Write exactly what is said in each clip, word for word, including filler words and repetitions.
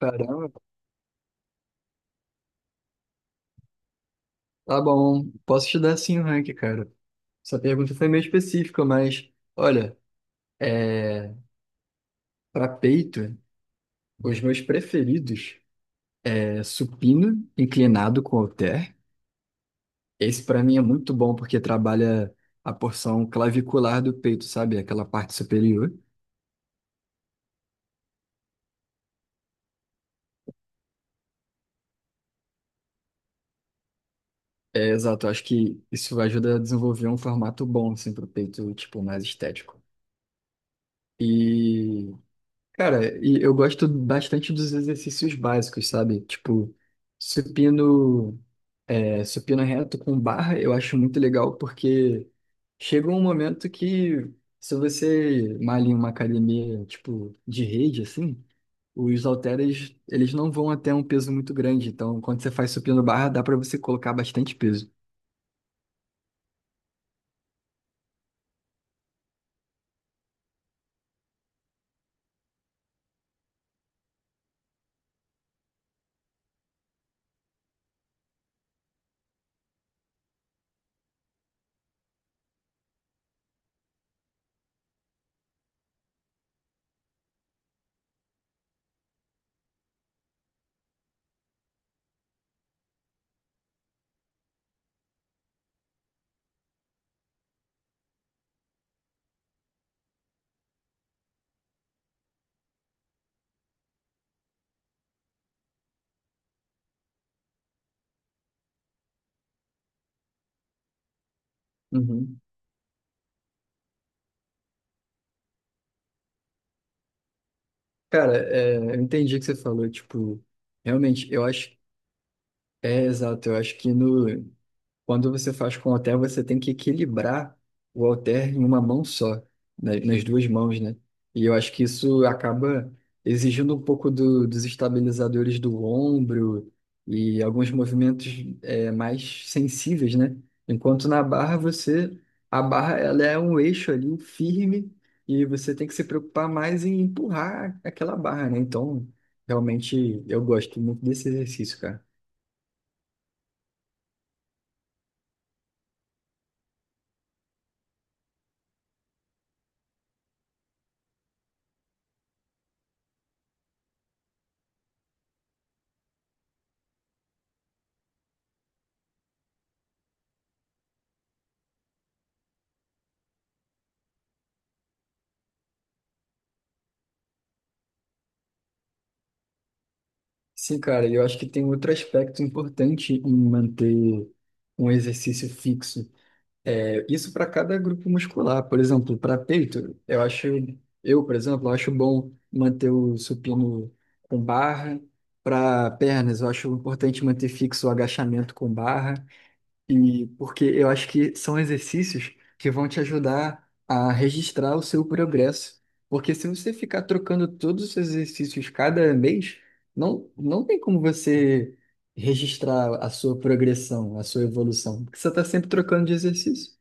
Caramba, tá bom. Posso te dar sim o rank, cara. Essa pergunta foi meio específica, mas olha, para peito, os meus preferidos é supino inclinado com halter. Esse para mim é muito bom porque trabalha a porção clavicular do peito, sabe? Aquela parte superior. É, exato, eu acho que isso ajuda a desenvolver um formato bom assim pro peito, tipo, mais estético. E, cara, e eu gosto bastante dos exercícios básicos, sabe? Tipo, supino. É, supino reto com barra eu acho muito legal porque chega um momento que se você malha em uma academia tipo de rede assim, os halteres eles não vão até um peso muito grande. Então quando você faz supino barra dá para você colocar bastante peso. Uhum. Cara, é, eu entendi o que você falou. Tipo, realmente eu acho é exato. Eu acho que no quando você faz com o halter, você tem que equilibrar o halter em uma mão só, né, nas duas mãos, né? E eu acho que isso acaba exigindo um pouco do- dos estabilizadores do ombro e alguns movimentos é, mais sensíveis, né? Enquanto na barra você, a barra ela é um eixo ali um firme e você tem que se preocupar mais em empurrar aquela barra, né? Então, realmente eu gosto muito desse exercício, cara. Sim, cara, e eu acho que tem outro aspecto importante em manter um exercício fixo. É, isso para cada grupo muscular. Por exemplo, para peito, eu acho, eu, por exemplo, acho bom manter o supino com barra. Para pernas, eu acho importante manter fixo o agachamento com barra. E porque eu acho que são exercícios que vão te ajudar a registrar o seu progresso. Porque se você ficar trocando todos os seus exercícios cada mês, não, não tem como você registrar a sua progressão, a sua evolução. Porque você está sempre trocando de exercício.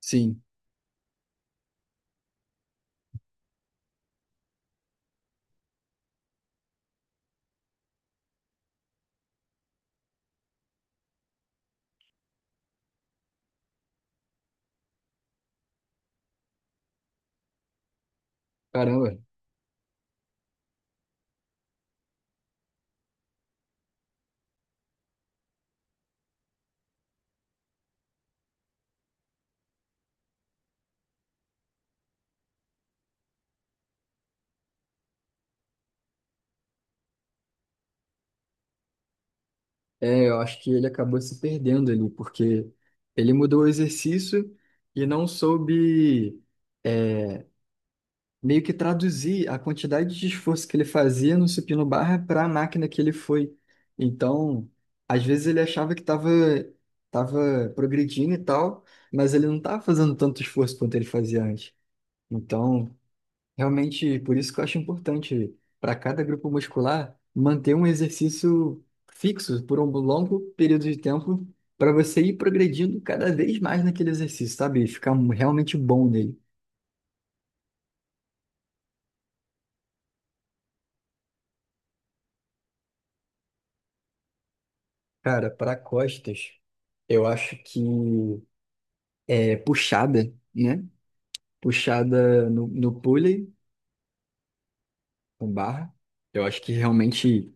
Sim, caramba. É, eu acho que ele acabou se perdendo ali, porque ele mudou o exercício e não soube. é, Meio que traduzir a quantidade de esforço que ele fazia no supino barra para a máquina que ele foi. Então, às vezes ele achava que estava tava tava progredindo e tal, mas ele não estava fazendo tanto esforço quanto ele fazia antes. Então, realmente, por isso que eu acho importante para cada grupo muscular manter um exercício fixo por um longo período de tempo para você ir progredindo cada vez mais naquele exercício, sabe? E ficar realmente bom nele. Cara, para costas, eu acho que é puxada, né? Puxada no, no pulley, com barra. Eu acho que realmente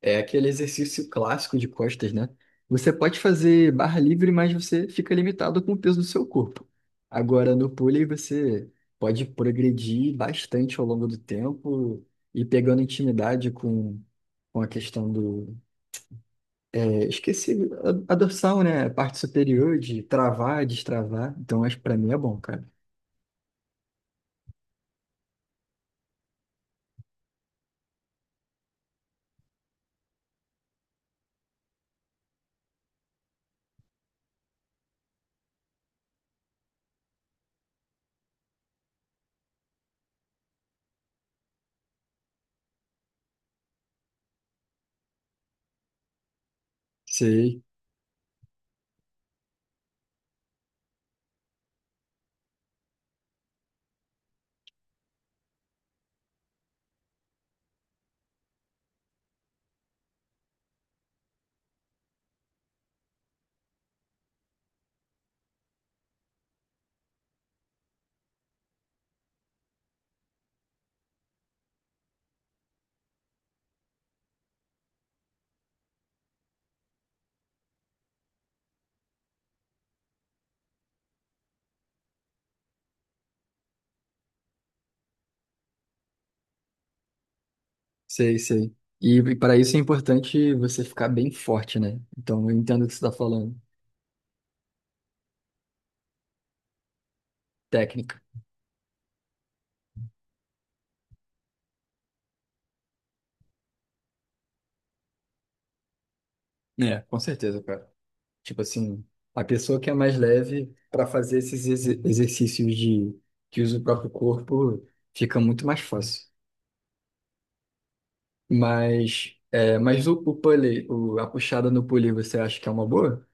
é aquele exercício clássico de costas, né? Você pode fazer barra livre, mas você fica limitado com o peso do seu corpo. Agora, no pulley, você pode progredir bastante ao longo do tempo e pegando intimidade com, com a questão do, esqueci, a, a dorsal, né? A parte superior de travar, destravar. Então, acho que pra mim é bom, cara. Sei, sei, sei. E, e para isso é importante você ficar bem forte, né? Então, eu entendo o que você tá falando. Técnica. É, com certeza, cara. Tipo assim, a pessoa que é mais leve pra fazer esses exer- exercícios de que usa o próprio corpo fica muito mais fácil. Mas, é, mas o, o pulley, o- a puxada no pulley, você acha que é uma boa?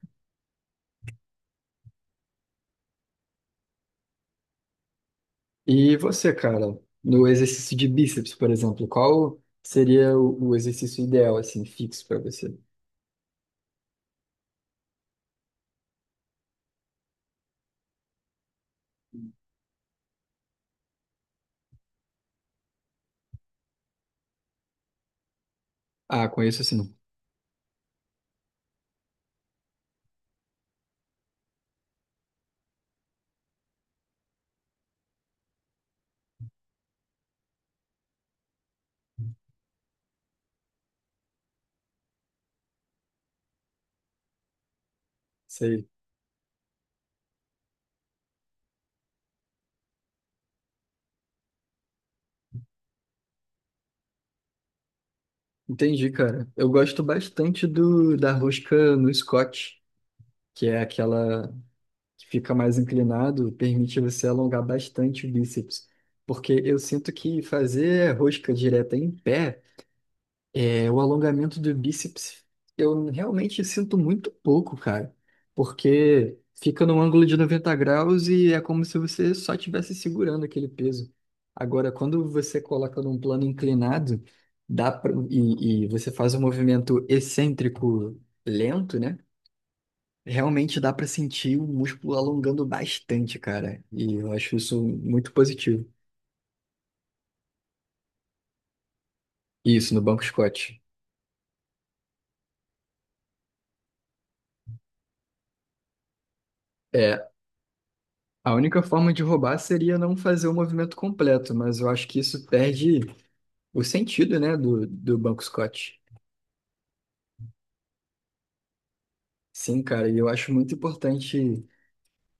E você, cara, no exercício de bíceps, por exemplo, qual seria o, o exercício ideal, assim, fixo pra você? Ah, conheço assim, sei. Entendi, cara. Eu gosto bastante do da rosca no Scott, que é aquela que fica mais inclinado, permite você alongar bastante o bíceps. Porque eu sinto que fazer rosca direta em pé, É, o alongamento do bíceps, eu realmente sinto muito pouco, cara, porque fica num ângulo de noventa graus e é como se você só estivesse segurando aquele peso. Agora, quando você coloca num plano inclinado, dá pra, e, e você faz um movimento excêntrico lento, né? Realmente dá pra sentir o músculo alongando bastante, cara. E eu acho isso muito positivo. Isso, no banco Scott. A única forma de roubar seria não fazer o movimento completo, mas eu acho que isso perde o sentido, né, do, do Banco Scott. Sim, cara, e eu acho muito importante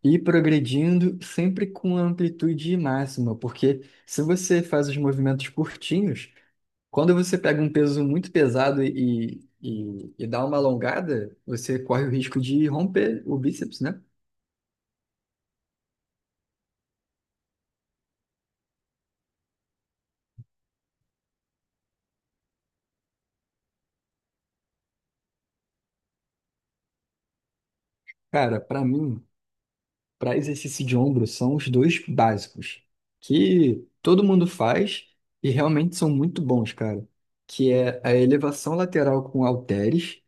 ir progredindo sempre com a amplitude máxima, porque se você faz os movimentos curtinhos, quando você pega um peso muito pesado e, e, e dá uma alongada, você corre o risco de romper o bíceps, né? Cara, pra mim, para exercício de ombro são os dois básicos, que todo mundo faz e realmente são muito bons, cara. Que é a elevação lateral com halteres.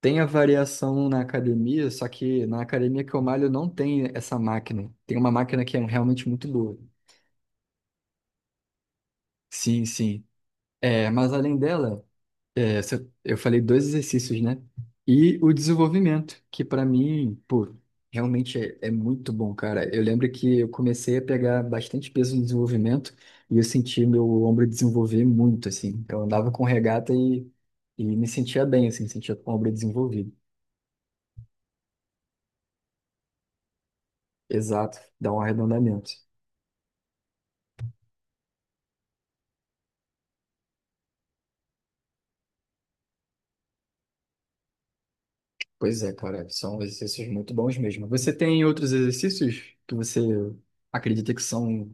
Tem a variação na academia, só que na academia que eu malho não tem essa máquina. Tem uma máquina que é realmente muito boa. Sim, sim. É, mas além dela, é, se- eu falei dois exercícios, né? E o desenvolvimento, que para mim, pô, realmente é, é muito bom, cara. Eu lembro que eu comecei a pegar bastante peso no desenvolvimento e eu senti meu ombro desenvolver muito, assim. Eu andava com regata e, e me sentia bem, assim, sentia com o ombro desenvolvido. Exato, dá um arredondamento. Pois é, cara, são exercícios muito bons mesmo. Você tem outros exercícios que você acredita que são?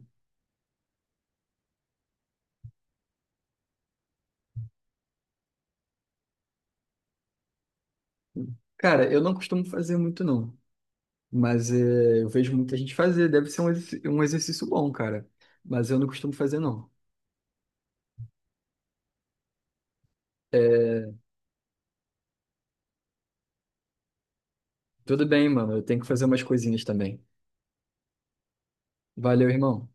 Cara, eu não costumo fazer muito, não. Mas é, eu vejo muita gente fazer, deve ser um, exerc- um exercício bom, cara. Mas eu não costumo fazer, não. É, tudo bem, mano, eu tenho que fazer umas coisinhas também. Valeu, irmão.